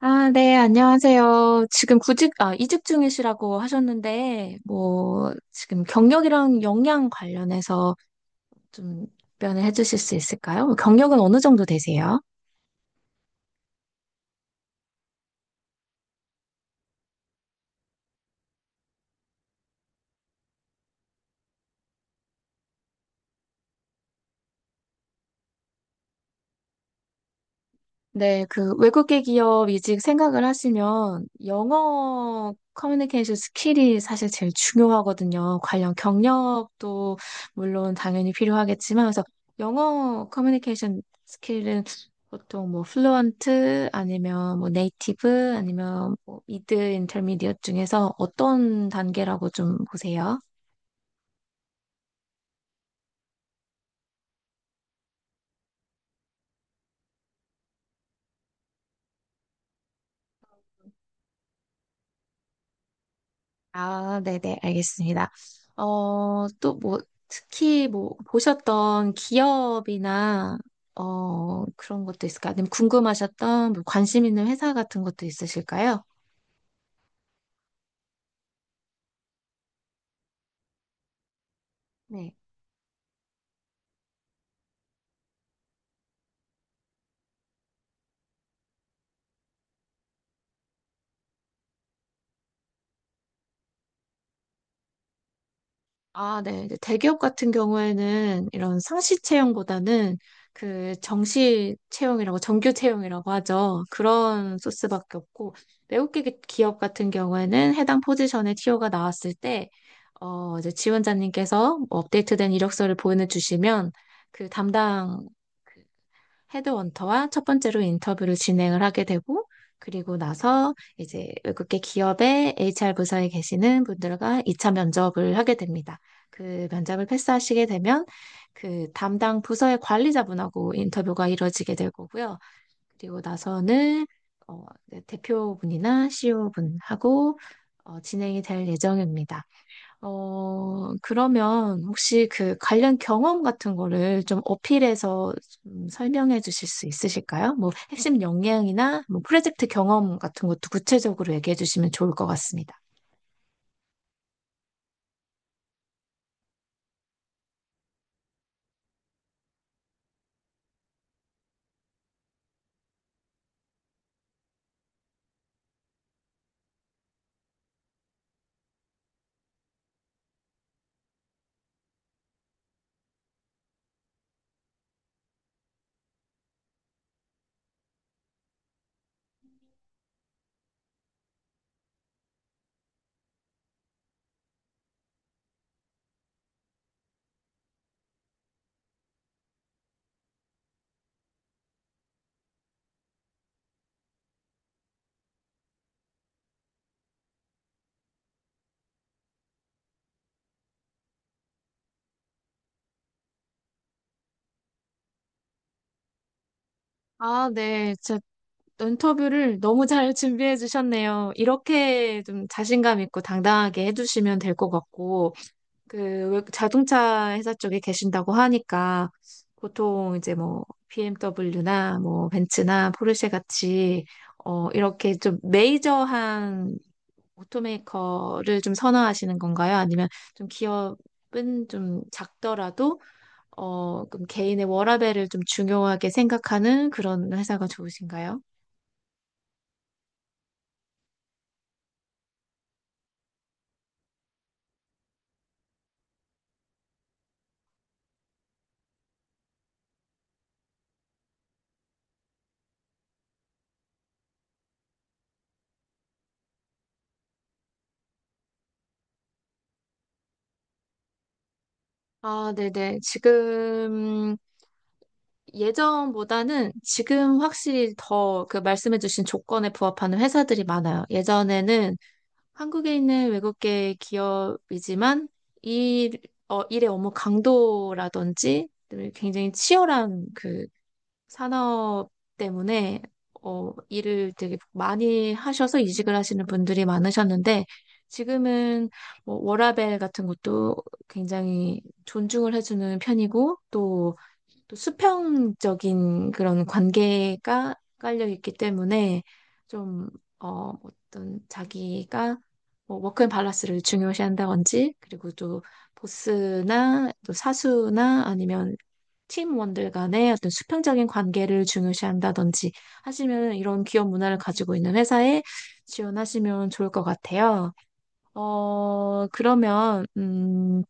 아, 네, 안녕하세요. 지금 구직, 이직 중이시라고 하셨는데, 뭐, 지금 경력이랑 역량 관련해서 좀 답변을 해주실 수 있을까요? 경력은 어느 정도 되세요? 네, 그 외국계 기업 이직 생각을 하시면 영어 커뮤니케이션 스킬이 사실 제일 중요하거든요. 관련 경력도 물론 당연히 필요하겠지만, 그래서 영어 커뮤니케이션 스킬은 보통 뭐 플루언트 아니면 뭐 네이티브 아니면 뭐 미드 인터미디엇 중에서 어떤 단계라고 좀 보세요? 아, 네네, 알겠습니다. 또 뭐, 특히 뭐, 보셨던 기업이나, 그런 것도 있을까요? 아니면 궁금하셨던 뭐 관심 있는 회사 같은 것도 있으실까요? 아, 네. 이제 대기업 같은 경우에는 이런 상시 채용보다는 그 정시 채용이라고 정규 채용이라고 하죠. 그런 소스밖에 없고 외국 기업 같은 경우에는 해당 포지션의 티오가 나왔을 때 이제 지원자님께서 뭐 업데이트된 이력서를 보내주시면 그 담당 그 헤드원터와 첫 번째로 인터뷰를 진행을 하게 되고, 그리고 나서 이제 외국계 기업의 HR 부서에 계시는 분들과 2차 면접을 하게 됩니다. 그 면접을 패스하시게 되면 그 담당 부서의 관리자분하고 인터뷰가 이루어지게 될 거고요. 그리고 나서는 네, 대표분이나 CEO분하고 진행이 될 예정입니다. 그러면 혹시 그 관련 경험 같은 거를 좀 어필해서 좀 설명해 주실 수 있으실까요? 뭐 핵심 역량이나 뭐 프로젝트 경험 같은 것도 구체적으로 얘기해 주시면 좋을 것 같습니다. 아, 네. 제 인터뷰를 너무 잘 준비해 주셨네요. 이렇게 좀 자신감 있고 당당하게 해 주시면 될 것 같고. 그 자동차 회사 쪽에 계신다고 하니까 보통 이제 뭐 BMW나 뭐 벤츠나 포르쉐 같이 이렇게 좀 메이저한 오토메이커를 좀 선호하시는 건가요? 아니면 좀 기업은 좀 작더라도 그럼 개인의 워라밸을 좀 중요하게 생각하는 그런 회사가 좋으신가요? 아, 네네. 지금 예전보다는 지금 확실히 더 그 말씀해주신 조건에 부합하는 회사들이 많아요. 예전에는 한국에 있는 외국계 기업이지만 일, 일의 업무 강도라든지 굉장히 치열한 그 산업 때문에 일을 되게 많이 하셔서 이직을 하시는 분들이 많으셨는데 지금은 뭐 워라밸 같은 것도 굉장히 존중을 해주는 편이고 또 수평적인 그런 관계가 깔려 있기 때문에 좀, 어떤 자기가 뭐 워크앤 밸런스를 중요시한다든지 그리고 또 보스나 또 사수나 아니면 팀원들 간의 어떤 수평적인 관계를 중요시한다든지 하시면 이런 기업 문화를 가지고 있는 회사에 지원하시면 좋을 것 같아요. 그러면,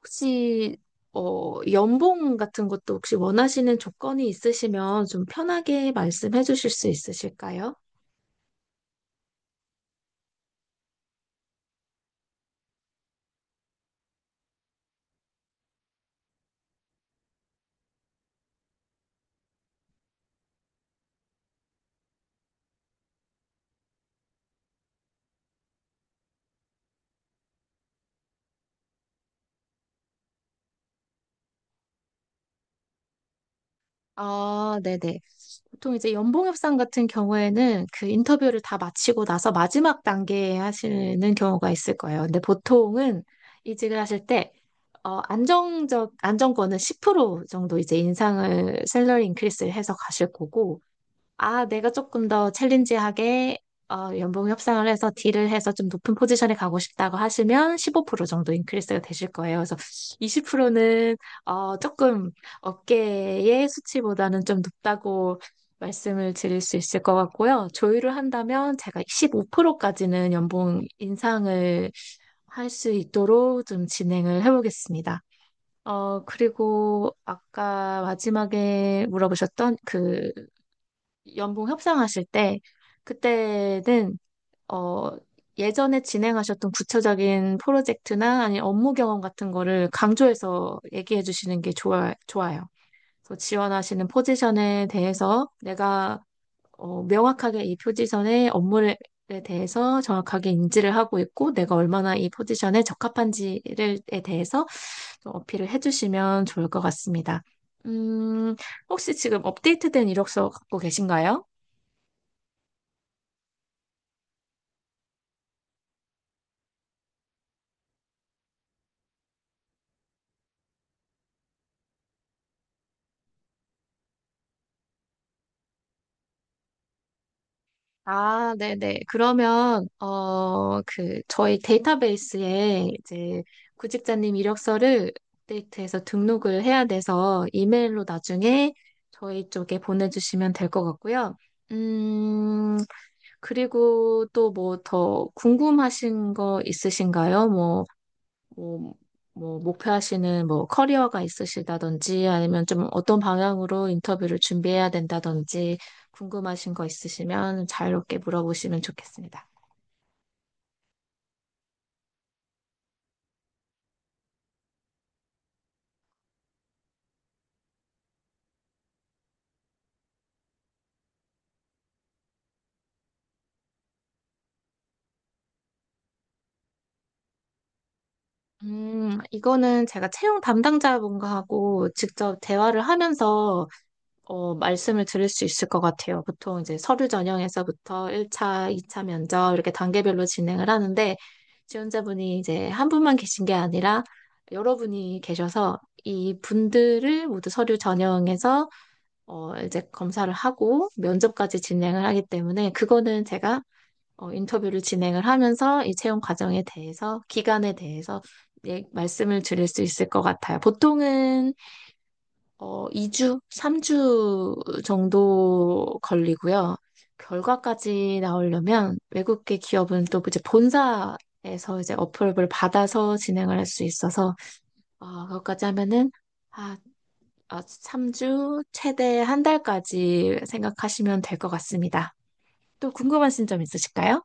혹시 연봉 같은 것도 혹시 원하시는 조건이 있으시면 좀 편하게 말씀해 주실 수 있으실까요? 아, 네네. 보통 이제 연봉 협상 같은 경우에는 그 인터뷰를 다 마치고 나서 마지막 단계에 하시는 경우가 있을 거예요. 근데 보통은 이직을 하실 때 어, 안정적 안정권은 10% 정도 이제 인상을 셀러리 인크리스를 해서 가실 거고 아, 내가 조금 더 챌린지하게 연봉 협상을 해서 딜을 해서 좀 높은 포지션에 가고 싶다고 하시면 15% 정도 인크리스가 되실 거예요. 그래서 20%는 조금 업계의 수치보다는 좀 높다고 말씀을 드릴 수 있을 것 같고요. 조율을 한다면 제가 15%까지는 연봉 인상을 할 수 있도록 좀 진행을 해보겠습니다. 그리고 아까 마지막에 물어보셨던 그 연봉 협상하실 때 그때는 어 예전에 진행하셨던 구체적인 프로젝트나 아니 업무 경험 같은 거를 강조해서 얘기해 주시는 게 좋아요. 그래서 지원하시는 포지션에 대해서 내가 명확하게 이 포지션의 업무에 대해서 정확하게 인지를 하고 있고 내가 얼마나 이 포지션에 적합한지를 에 대해서 좀 어필을 해주시면 좋을 것 같습니다. 음, 혹시 지금 업데이트된 이력서 갖고 계신가요? 아, 네네. 그러면, 저희 데이터베이스에 이제 구직자님 이력서를 업데이트해서 등록을 해야 돼서 이메일로 나중에 저희 쪽에 보내주시면 될 것 같고요. 음, 그리고 또 뭐 더 궁금하신 거 있으신가요? 뭐, 뭐 목표하시는 뭐 커리어가 있으시다든지 아니면 좀 어떤 방향으로 인터뷰를 준비해야 된다든지 궁금하신 거 있으시면 자유롭게 물어보시면 좋겠습니다. 이거는 제가 채용 담당자분과 하고 직접 대화를 하면서 말씀을 드릴 수 있을 것 같아요. 보통 이제 서류 전형에서부터 1차, 2차 면접 이렇게 단계별로 진행을 하는데 지원자분이 이제 한 분만 계신 게 아니라 여러 분이 계셔서 이 분들을 모두 서류 전형에서 이제 검사를 하고 면접까지 진행을 하기 때문에 그거는 제가 인터뷰를 진행을 하면서 이 채용 과정에 대해서 기간에 대해서 예, 말씀을 드릴 수 있을 것 같아요. 보통은 2주, 3주 정도 걸리고요. 결과까지 나오려면 외국계 기업은 또 이제 본사에서 이제 어플을 받아서 진행을 할 수 있어서 그것까지 하면은 아, 3주 최대 한 달까지 생각하시면 될 것 같습니다. 또 궁금하신 점 있으실까요?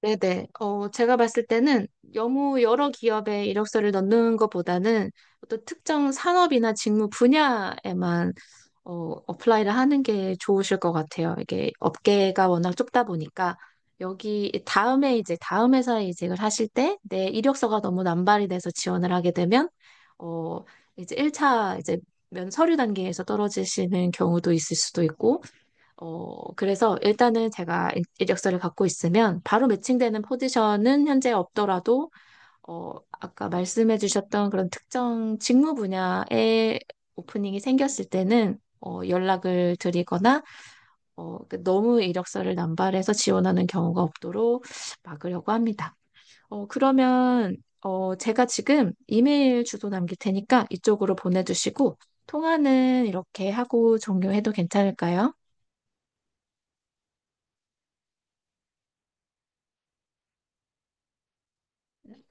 네네. 제가 봤을 때는 너무 여러 기업에 이력서를 넣는 것보다는 어떤 특정 산업이나 직무 분야에만 어, 어플라이를 하는 게 좋으실 것 같아요. 이게 업계가 워낙 좁다 보니까 여기 다음에 이제 다음 회사에 이직을 하실 때 내 이력서가 너무 남발이 돼서 지원을 하게 되면 어, 이제 1차 이제 면 서류 단계에서 떨어지시는 경우도 있을 수도 있고 그래서 일단은 제가 이력서를 갖고 있으면 바로 매칭되는 포지션은 현재 없더라도, 아까 말씀해 주셨던 그런 특정 직무 분야에 오프닝이 생겼을 때는, 연락을 드리거나, 그 너무 이력서를 남발해서 지원하는 경우가 없도록 막으려고 합니다. 그러면, 제가 지금 이메일 주소 남길 테니까 이쪽으로 보내주시고, 통화는 이렇게 하고 종료해도 괜찮을까요?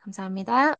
감사합니다.